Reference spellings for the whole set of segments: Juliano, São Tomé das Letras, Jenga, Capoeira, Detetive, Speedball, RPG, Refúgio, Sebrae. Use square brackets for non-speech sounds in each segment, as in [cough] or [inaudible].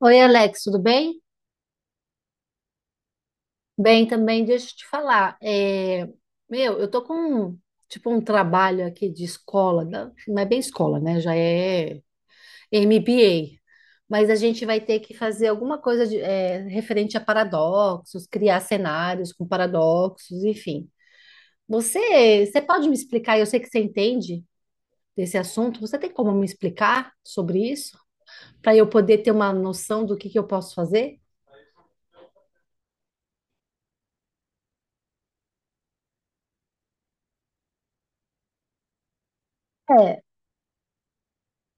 Oi, Alex, tudo bem? Bem também, deixa eu te falar. Meu, eu tô com um- tipo um trabalho aqui de escola, não é bem escola, né? Já é MBA, mas a gente vai ter que fazer alguma coisa de, referente a paradoxos, criar cenários com paradoxos, enfim. Você pode me explicar? Eu sei que você entende desse assunto. Você tem como me explicar sobre isso? Para eu poder ter uma noção do que eu posso fazer?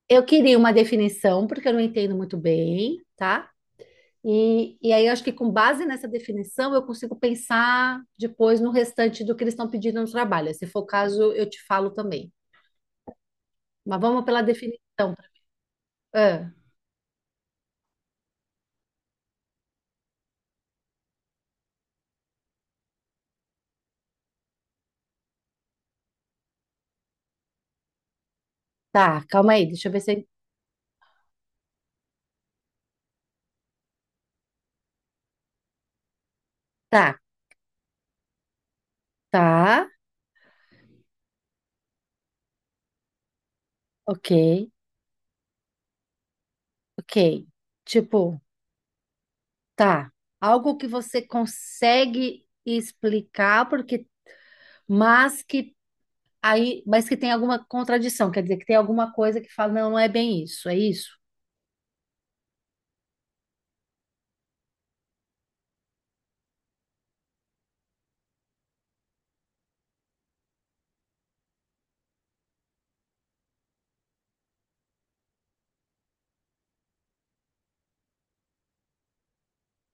Eu queria uma definição, porque eu não entendo muito bem, tá? E aí eu acho que com base nessa definição eu consigo pensar depois no restante do que eles estão pedindo no trabalho. Se for o caso, eu te falo também. Mas vamos pela definição. Ah, tá, calma aí, deixa eu ver se. Eu- Tá, tá, ok, ok. Tipo, tá. Algo que você consegue explicar, porque, mas que aí, mas que tem alguma contradição, quer dizer, que tem alguma coisa que fala, não, não é bem isso, é isso.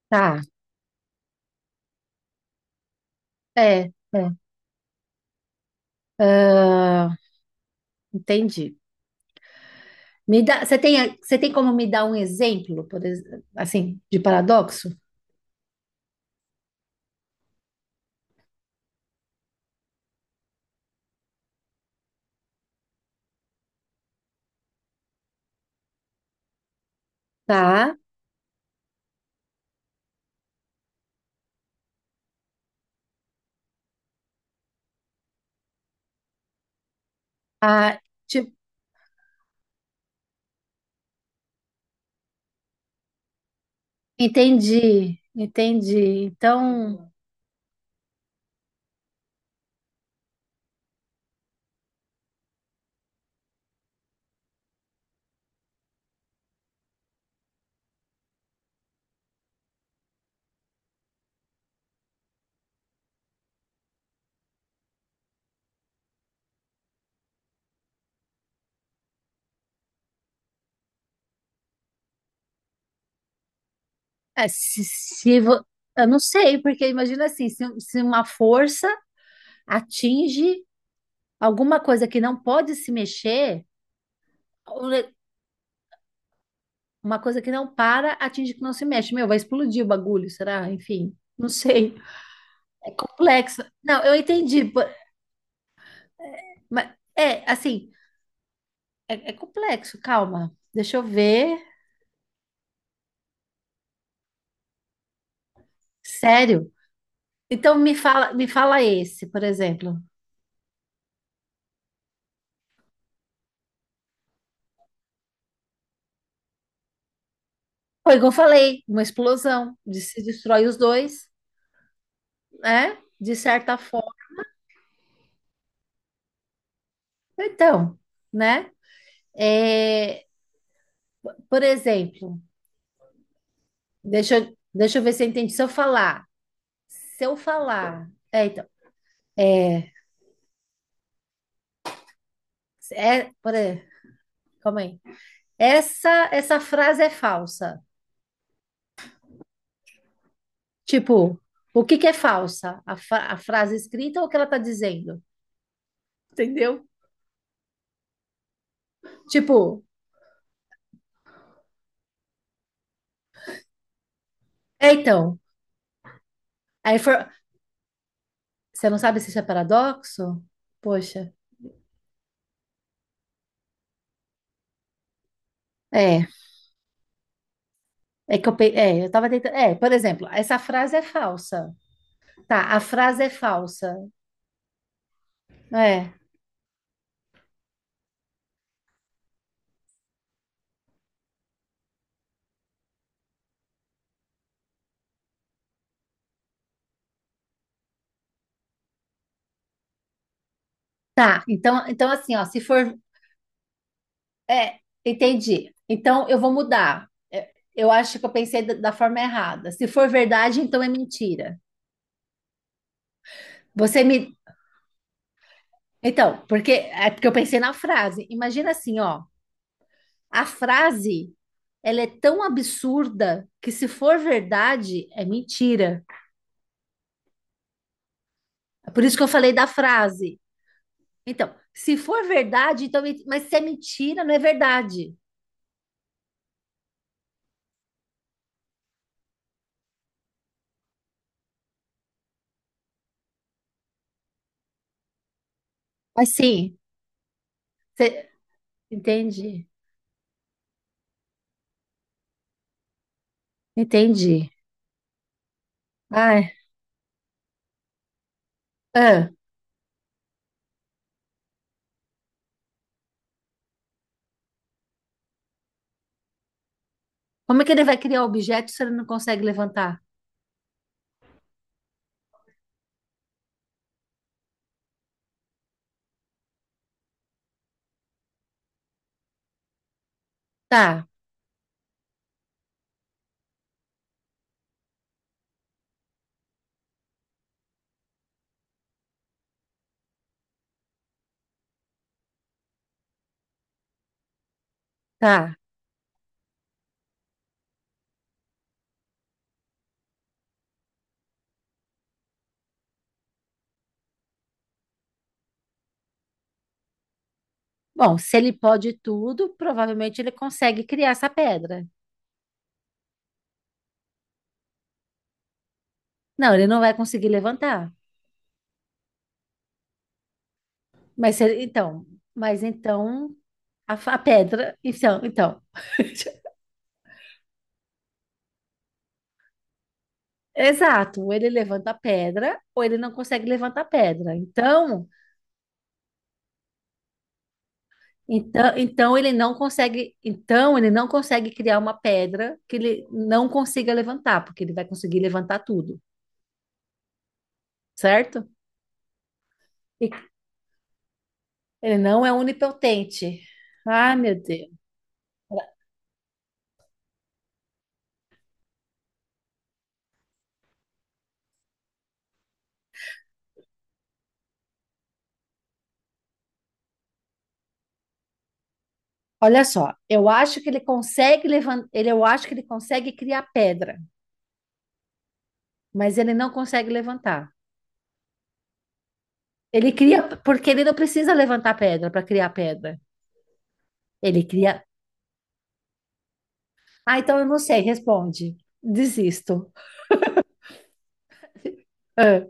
Tá, é, é. Ah, entendi. Você tem como me dar um exemplo, assim, de paradoxo? Tá. Ah, ti- entendi, entendi. Então, é, se vo- eu não sei, porque imagina assim, se uma força atinge alguma coisa que não pode se mexer, o ne- uma coisa que não para atinge que não se mexe. Meu, vai explodir o bagulho, será? Enfim, não sei. É complexo. Não, eu entendi. Mas é assim, é complexo, calma. Deixa eu ver. Sério? Então me fala esse, por exemplo. Foi igual eu falei, uma explosão, se destrói os dois, né? De certa forma. Então, né? É, por exemplo, deixa eu ver se eu entendi. Se eu falar, então, por exemplo, calma aí. Essa frase é falsa. Tipo, o que que é falsa? A frase escrita ou o que ela tá dizendo? Entendeu? Tipo, é então, aí infor- você não sabe se isso é paradoxo? Poxa, é, é que eu, pe- é, eu tava tentando, por exemplo, essa frase é falsa. Tá, a frase é falsa. É. Tá, então, então assim, ó, se for, é, entendi. Então eu vou mudar. É, eu acho que eu pensei da forma errada. Se for verdade, então é mentira. Você me, então, porque é porque eu pensei na frase. Imagina assim, ó, a frase, ela é tão absurda que se for verdade, é mentira. É por isso que eu falei da frase. Então, se for verdade, então, mas se é mentira, não é verdade. Mas sim, você- entendi, entendi. Ai, ah, como é que ele vai criar objeto se ele não consegue levantar? Tá, tá. Bom, se ele pode tudo, provavelmente ele consegue criar essa pedra. Não, ele não vai conseguir levantar. Então, mas então a pedra, então, então. [laughs] Exato, ou ele levanta a pedra ou ele não consegue levantar a pedra. Então, então, então ele não consegue, então ele não consegue criar uma pedra que ele não consiga levantar, porque ele vai conseguir levantar tudo, certo? E ele não é onipotente. Ah, meu Deus. Olha só, eu acho que ele consegue levantar, ele, eu acho que ele consegue criar pedra, mas ele não consegue levantar. Ele cria, porque ele não precisa levantar pedra para criar pedra. Ele cria. Ah, então eu não sei, responde. Desisto. Ah,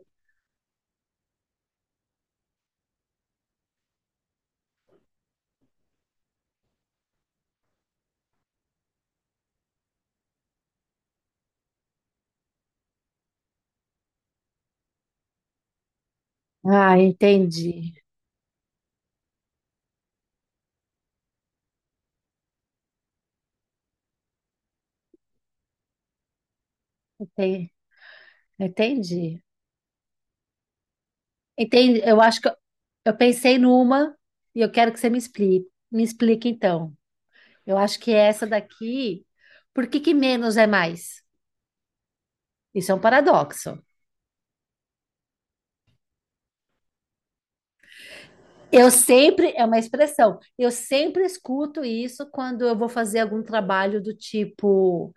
ah, entendi. Enten- Entendi. Entendi. Eu acho que eu pensei numa e eu quero que você me explique. Me explique então. Eu acho que essa daqui, por que que menos é mais? Isso é um paradoxo. Eu sempre, é uma expressão, eu sempre escuto isso quando eu vou fazer algum trabalho do tipo,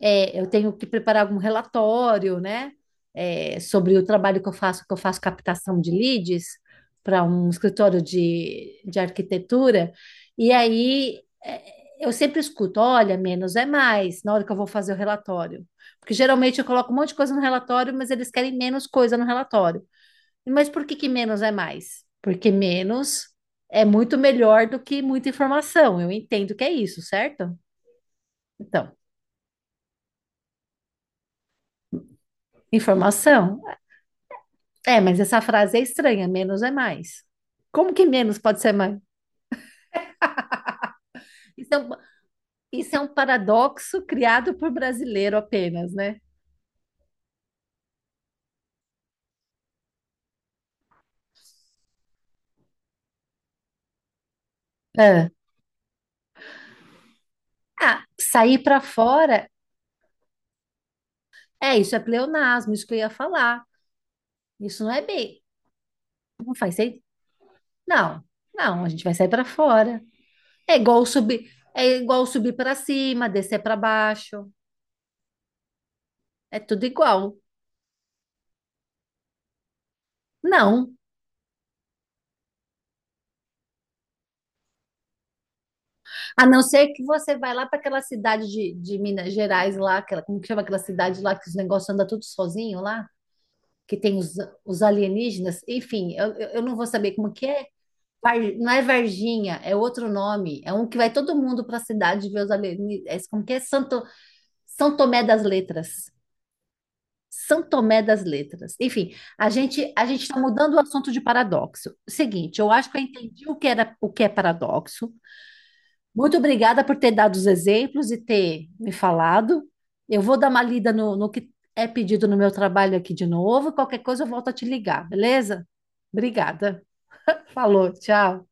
eu tenho que preparar algum relatório, né? É, sobre o trabalho que eu faço captação de leads para um escritório de arquitetura, e aí é, eu sempre escuto, olha, menos é mais, na hora que eu vou fazer o relatório. Porque geralmente eu coloco um monte de coisa no relatório, mas eles querem menos coisa no relatório. Mas por que que menos é mais? Porque menos é muito melhor do que muita informação. Eu entendo que é isso, certo? Então, informação. É, mas essa frase é estranha. Menos é mais. Como que menos pode ser mais? Isso é um, isso é um paradoxo criado por brasileiro apenas, né? É. Ah, sair para fora, é isso, é pleonasmo, isso que eu ia falar. Isso não é bem. Não faz sentido. Não, não, a gente vai sair para fora. É igual subir para cima, descer para baixo, é tudo igual. Não, a não ser que você vai lá para aquela cidade de Minas Gerais lá, aquela, como que chama aquela cidade lá que os negócios andam tudo sozinho lá, que tem os alienígenas, enfim, eu, eu não vou saber como que é. Não é Varginha, é outro nome, é um que vai todo mundo para a cidade ver os alienígenas. É, como que é Santo, São Tomé das Letras. São Tomé das Letras. Enfim, a gente está mudando o assunto de paradoxo. Seguinte, eu acho que eu entendi o que era o que é paradoxo. Muito obrigada por ter dado os exemplos e ter me falado. Eu vou dar uma lida no que é pedido no meu trabalho aqui de novo. Qualquer coisa eu volto a te ligar, beleza? Obrigada. Falou, tchau.